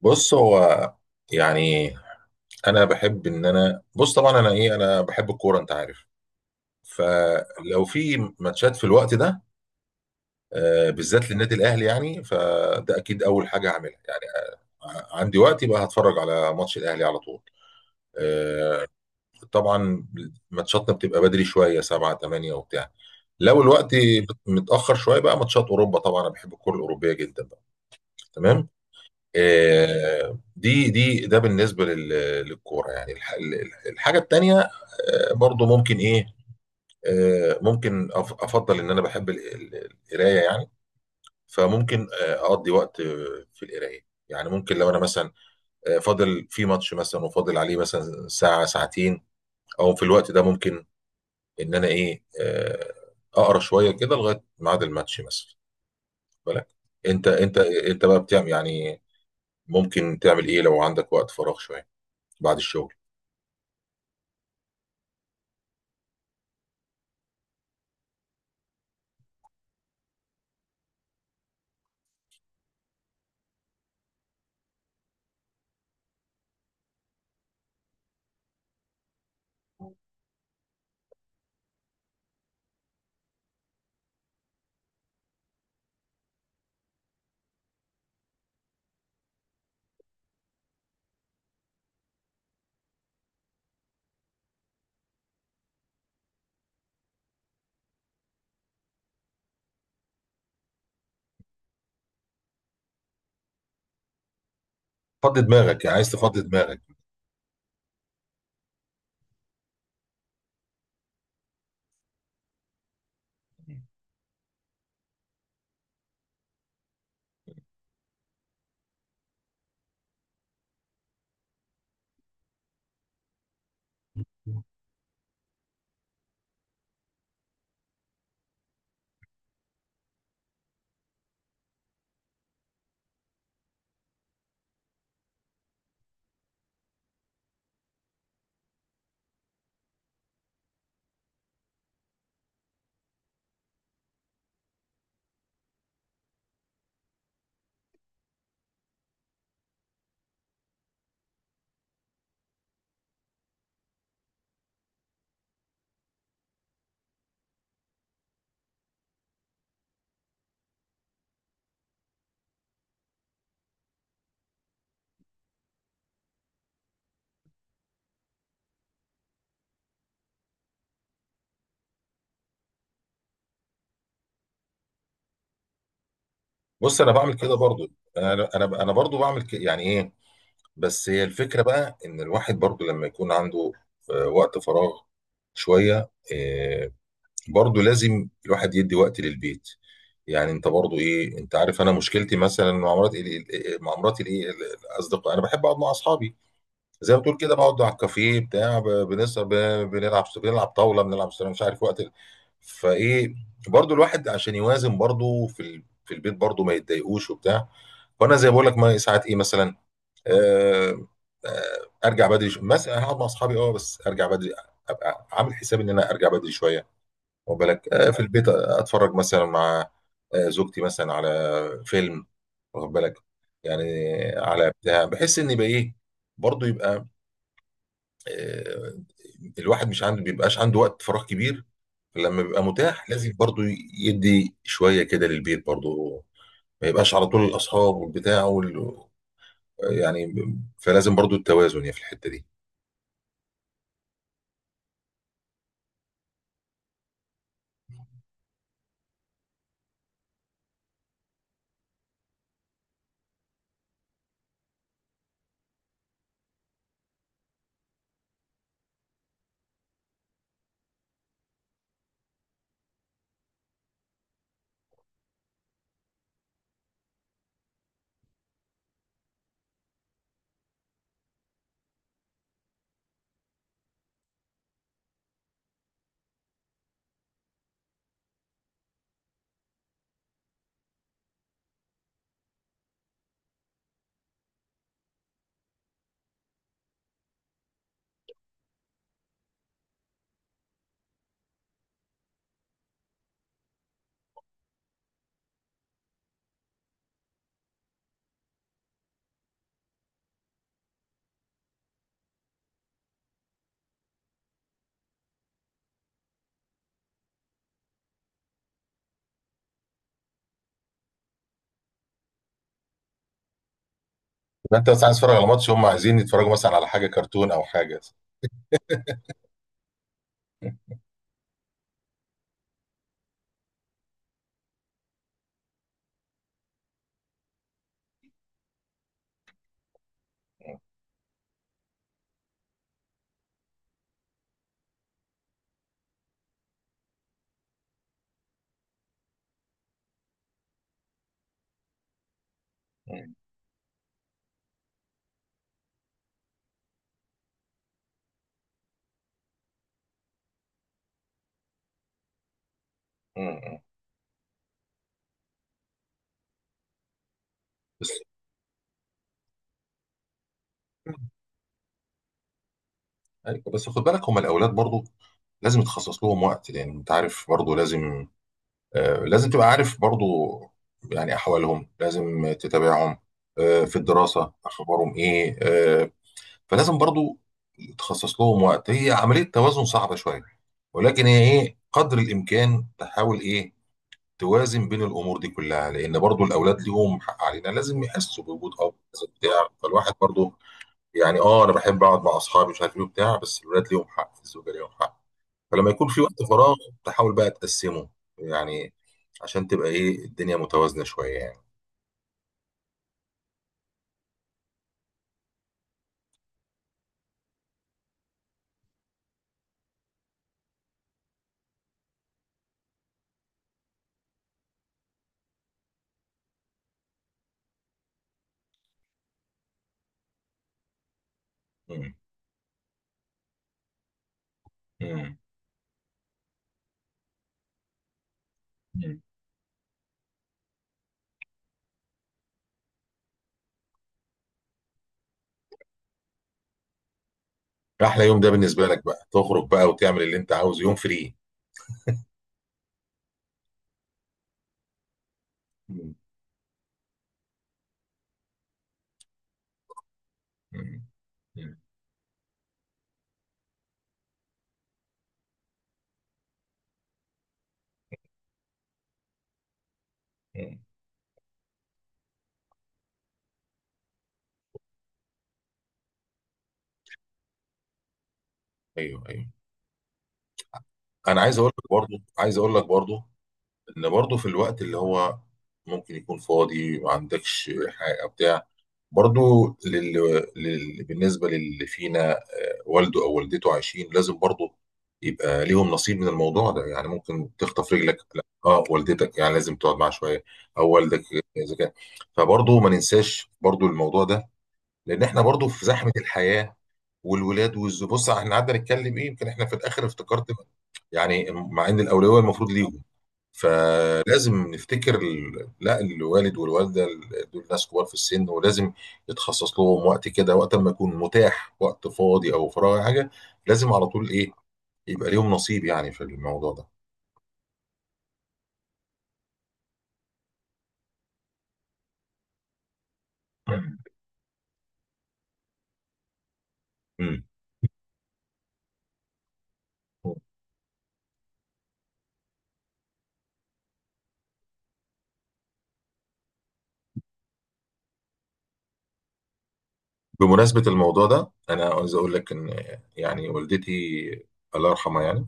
بص هو يعني انا بحب ان انا بص طبعا انا بحب الكوره، انت عارف. فلو في ماتشات في الوقت ده، بالذات للنادي الاهلي، يعني فده اكيد اول حاجه هعملها يعني. عندي وقت يبقى هتفرج على ماتش الاهلي على طول. آه، طبعا ماتشاتنا بتبقى بدري شويه، 7 8 وبتاع. لو الوقت متاخر شويه بقى ماتشات اوروبا. طبعا انا بحب الكوره الاوروبيه جدا بقى. تمام. دي دي ده بالنسبه للكوره يعني. الحاجه التانيه برضو ممكن ايه. ممكن افضل ان انا بحب القرايه يعني. فممكن اقضي وقت في القرايه يعني. ممكن لو انا مثلا فاضل في ماتش مثلا، وفاضل عليه مثلا ساعه ساعتين، او في الوقت ده ممكن ان انا ايه آه، اقرا شويه كده لغايه ميعاد الماتش مثلا. واخد بالك؟ انت بقى بتعمل يعني ممكن تعمل ايه لو عندك وقت فراغ شويه بعد الشغل؟ فضي دماغك، يعني عايز تفضي دماغك. بص انا بعمل كده برضو. انا برضو بعمل كده، يعني ايه. بس هي الفكره بقى ان الواحد برضو لما يكون عنده وقت فراغ شويه، برضو لازم الواحد يدي وقت للبيت. يعني انت برضو ايه، انت عارف انا مشكلتي مثلا مع مراتي. مع مراتي الايه الاصدقاء. انا بحب اقعد مع اصحابي، زي ما تقول كده، بقعد على الكافيه بتاع، بنسهر، بنلعب طاوله، بنلعب مش عارف، وقت فايه. برضو الواحد عشان يوازن برضو في البيت برضو ما يتضايقوش وبتاع. فانا زي ما بقول لك، ما ساعات ايه مثلا، آه... آه... ارجع بدري، مثلا هقعد مع اصحابي، اه، بس ارجع بدري. ابقى عامل حساب ان انا ارجع بدري شويه. واخد بالك؟ في البيت اتفرج مثلا مع زوجتي مثلا على فيلم، واخد بالك؟ يعني على بتاع، بحس ان يبقى ايه، برضه يبقى آه، الواحد مش عنده بيبقاش عنده وقت فراغ كبير. لما بيبقى متاح لازم برضو يدي شوية كده للبيت برضو. ما يبقاش على طول الأصحاب والبتاع وال... يعني، فلازم برضو التوازن يعني في الحتة دي. يبقى انت بس عايز تتفرج على ماتش، هم عايزين يتفرجوا مثلا على حاجة كرتون او حاجة. مم. مم. بس. ايوه بس خد بالك، هم الاولاد برضو لازم يتخصص لهم وقت، لان انت عارف برضو لازم تبقى عارف برضو يعني احوالهم، لازم تتابعهم في الدراسة، اخبارهم ايه فلازم برضو تخصص لهم وقت. هي عملية توازن صعبة شوية، ولكن هي ايه، قدر الامكان تحاول ايه توازن بين الامور دي كلها. لان برضو الاولاد ليهم حق علينا، لازم يحسوا بوجود اب، لازم بتاع، فالواحد برضو يعني، اه انا بحب اقعد مع اصحابي مش عارف ايه وبتاع، بس الولاد ليهم حق، الزوجه ليهم حق. فلما يكون في وقت فراغ تحاول بقى تقسمه يعني، عشان تبقى ايه الدنيا متوازنة شوية يعني. مم. مم. مم. احلى يوم ده بالنسبة لك بقى، تخرج بقى وتعمل اللي انت عاوزه، يوم فري. مم. مم. مم. مم. ايوه، ايوه. انا عايز اقول لك برضه، ان برضه في الوقت اللي هو ممكن يكون فاضي، ما عندكش حاجة بتاع، برضو بالنسبة للي فينا والده أو والدته عايشين، لازم برضو يبقى ليهم نصيب من الموضوع ده. يعني ممكن تخطف رجلك، لا اه، والدتك يعني لازم تقعد معاها شوية، أو والدك إذا كان. فبرضو ما ننساش برضو الموضوع ده، لأن احنا برضو في زحمة الحياة والولاد والزوج. بص احنا قعدنا نتكلم ايه يمكن احنا في الآخر افتكرت، يعني مع إن الأولوية المفروض ليهم. فلازم نفتكر ال- لا الوالد والوالده، دول ناس كبار في السن، ولازم يتخصص لهم وقت كده، وقت ما يكون متاح، وقت فاضي او فراغ أو حاجه. لازم على طول ايه يبقى ليهم نصيب يعني في الموضوع ده. مم. بمناسبة الموضوع ده، أنا عاوز أقول لك إن يعني والدتي الله يرحمها يعني،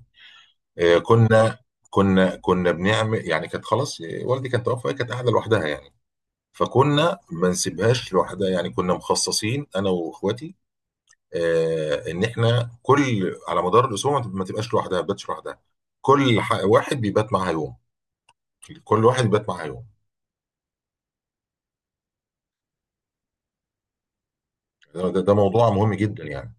آه، كنا كنا بنعمل يعني. كانت خلاص، والدي كانت توفى، كانت قاعدة لوحدها يعني، فكنا ما نسيبهاش لوحدها يعني. كنا مخصصين أنا وإخواتي ان احنا كل على مدار الاسبوع ما تبقاش لوحدها، ما تباتش لوحدها. كل ح- واحد بيبات معاها يوم كل واحد بيبات معاها يوم. ده موضوع مهم جدا يعني،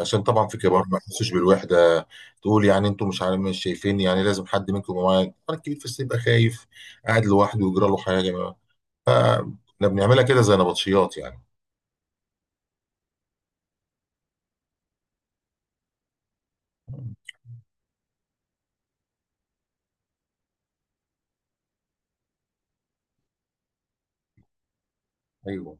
عشان طبعا في كبار ما يحسوش بالوحده. تقول يعني انتم مش عارف، مش شايفين يعني، لازم حد منكم يبقى معايا. طبعاً الكبير في السن يبقى خايف قاعد لوحده ويجرى له حاجه فاحنا بنعملها كده زي نبطشيات يعني. ايوه.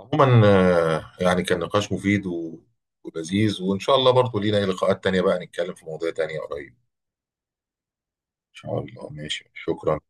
عموما يعني كان نقاش مفيد ولذيذ، وان شاء الله برضه لينا لقاءات تانيه بقى، نتكلم في مواضيع تانيه قريب. ان شاء الله. ماشي، شكرا.